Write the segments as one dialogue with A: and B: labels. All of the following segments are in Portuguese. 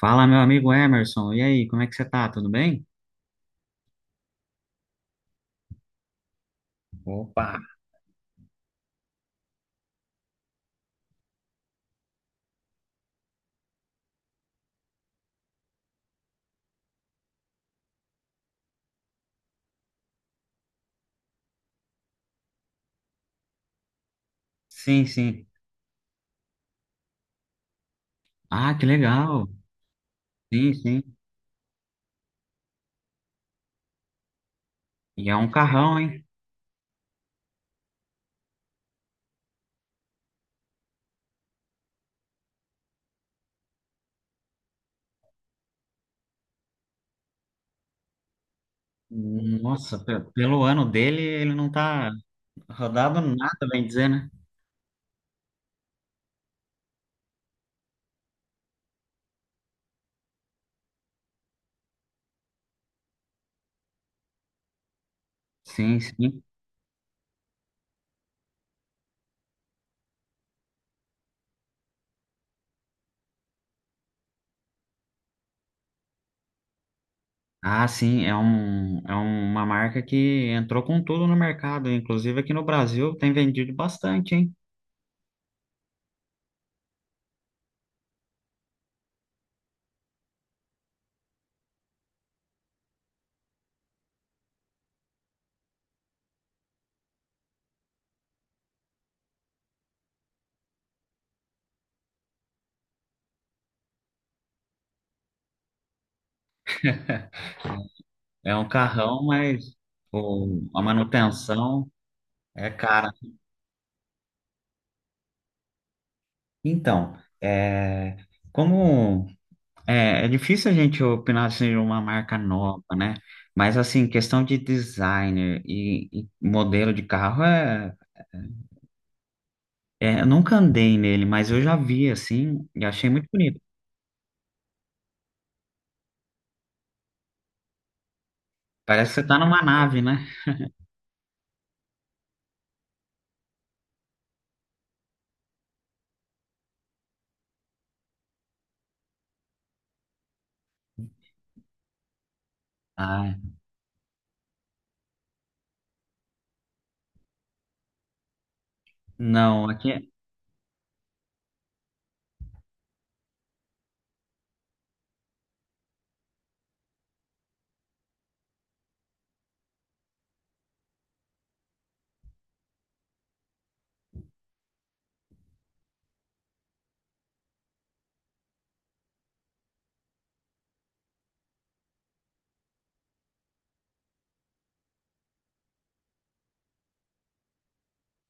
A: Fala, meu amigo Emerson. E aí, como é que você tá? Tudo bem? Opa! Sim, sim. Ah, que legal. Sim, sim. E é um carrão, hein? Nossa, pelo ano dele, ele não tá rodado nada, bem dizer, né? Sim, sim. Ah, sim, é uma marca que entrou com tudo no mercado. Inclusive aqui no Brasil tem vendido bastante, hein? É um carrão, mas a manutenção é cara. Então, é, como. É, é difícil a gente opinar assim, de uma marca nova, né? Mas assim, questão de designer e modelo de carro é, é, eu nunca andei nele, mas eu já vi assim e achei muito bonito. Parece que você tá numa nave, né? Ah, não, aqui é.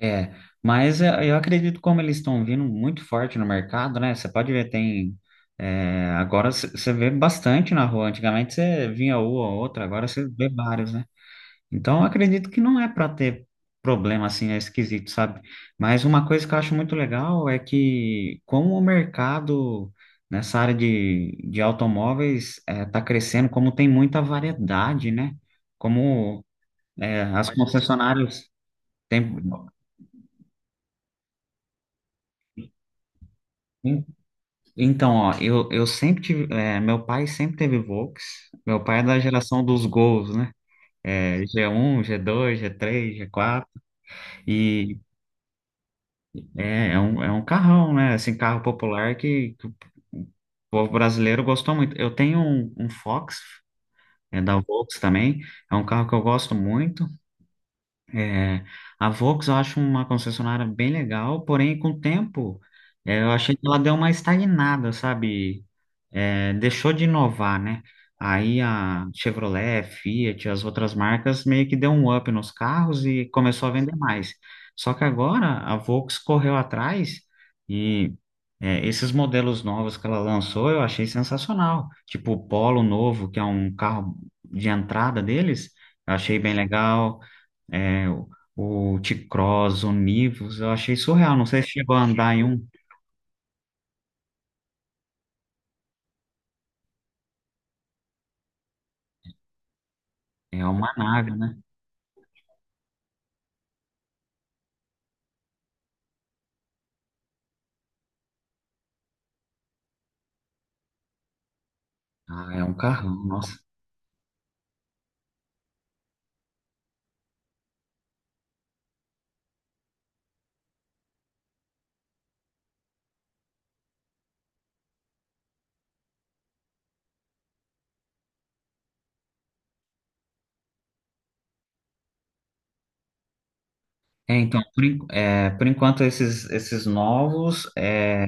A: É. Mas eu acredito como eles estão vindo muito forte no mercado, né? Você pode ver, tem. É, agora você vê bastante na rua. Antigamente você vinha uma ou outra, agora você vê vários, né? Então, eu acredito que não é para ter problema assim, é esquisito, sabe? Mas uma coisa que eu acho muito legal é que como o mercado nessa área de automóveis está crescendo, como tem muita variedade, né? Como é, as concessionárias têm... Então, ó, eu sempre tive... é, meu pai sempre teve Volks. Meu pai é da geração dos Gols, né? É, G1 G2 G3 G4. É, é um carrão, né? Assim, carro popular que o povo brasileiro gostou muito. Eu tenho um Fox, é da Volks também, é um carro que eu gosto muito. É, a Volks eu acho uma concessionária bem legal, porém com o tempo é, eu achei que ela deu uma estagnada, sabe? É, deixou de inovar, né? Aí a Chevrolet, Fiat, as outras marcas meio que deu um up nos carros e começou a vender mais. Só que agora a Volks correu atrás e é, esses modelos novos que ela lançou eu achei sensacional. Tipo o Polo novo, que é um carro de entrada deles, eu achei bem legal é, o T-Cross, o Nivus, eu achei surreal. Não sei se chegou a andar em um. É uma nave, né? Ah, é um carrão, nossa. É, então, por, en- é, por enquanto, esses novos é,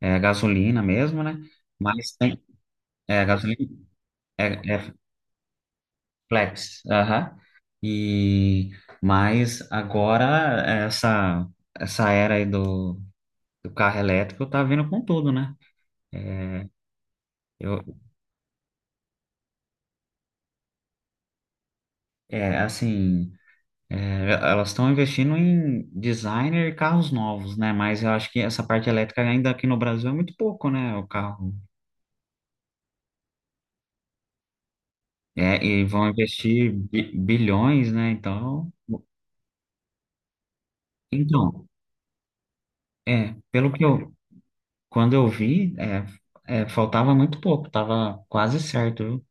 A: é gasolina mesmo, né? Mas tem é, gasolina, é, é flex, aham. E, mas agora, essa era aí do carro elétrico tá vindo com tudo, né? Eu, é, assim. É, elas estão investindo em designer e carros novos, né? Mas eu acho que essa parte elétrica ainda aqui no Brasil é muito pouco, né? O carro. É, e vão investir bilhões, né? Então, é, pelo que eu, quando eu vi, é, é, faltava muito pouco, tava quase certo, viu?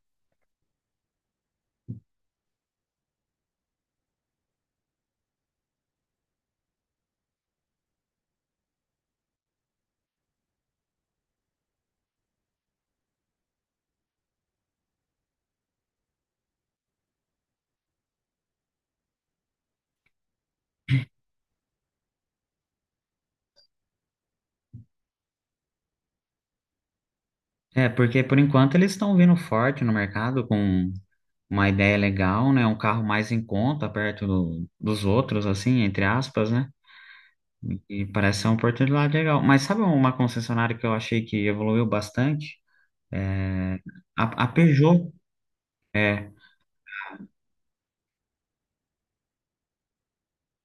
A: É, porque por enquanto eles estão vindo forte no mercado com uma ideia legal, né? Um carro mais em conta, perto dos outros, assim, entre aspas, né? E parece ser uma oportunidade legal. Mas sabe um, uma concessionária que eu achei que evoluiu bastante? É, a Peugeot. É,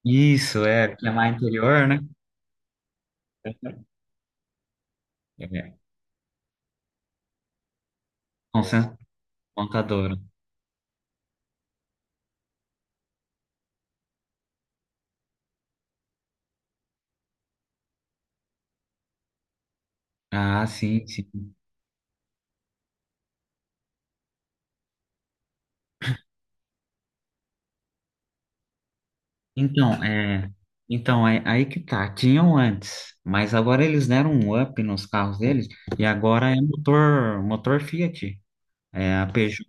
A: isso, é, que é mais interior, né? É, concess- montadora. Ah, sim, sim. Então, é, então é, aí que tá. Tinham antes, mas agora eles deram um up nos carros deles e agora é motor, motor Fiat. É a Peugeot.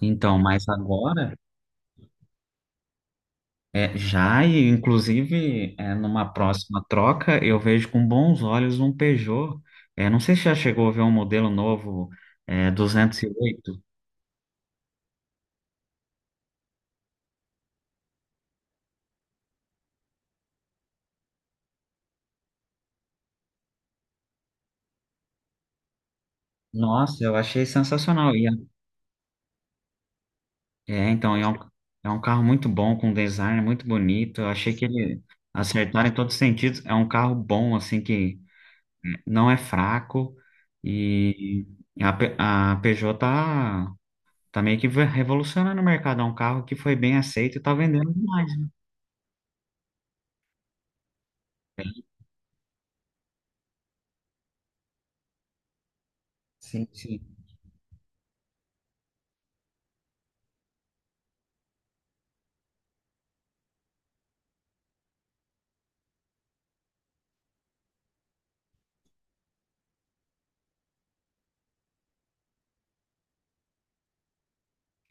A: Então, mas agora já, e inclusive, é, numa próxima troca, eu vejo com bons olhos um Peugeot. É, não sei se já chegou a ver um modelo novo, é, 208. Nossa, eu achei sensacional. E é, é, então, é um carro muito bom, com design muito bonito. Eu achei que ele acertaram em todos os sentidos. É um carro bom, assim, que não é fraco. E a Peugeot tá meio que revolucionando o mercado. É um carro que foi bem aceito e tá vendendo demais. Sim, sim.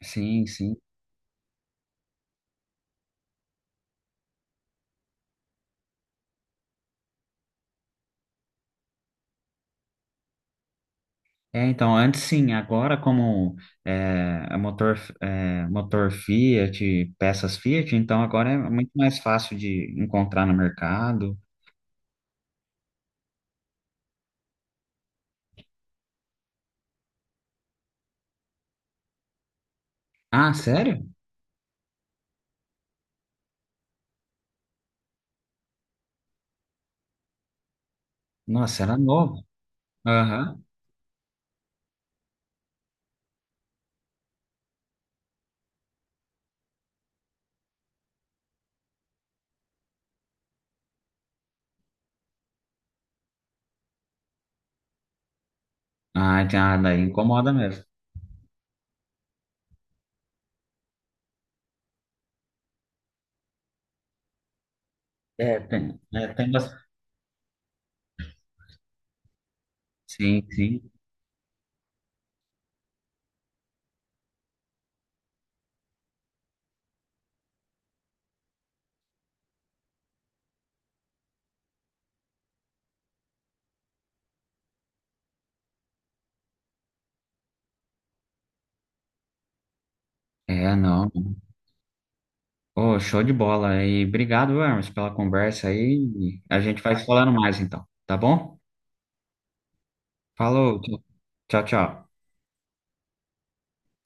A: Sim, sim. É, então, antes sim, agora como é, é, motor Fiat, peças Fiat, então agora é muito mais fácil de encontrar no mercado. Ah, sério? Nossa, era novo. Aham. Ah, então, ah, daí incomoda mesmo. É, tem bastante. Sim, sim. É, não. Ô, show de bola. E obrigado, Hermes, pela conversa aí. A gente vai se falando mais então, tá bom? Falou. Tchau, tchau.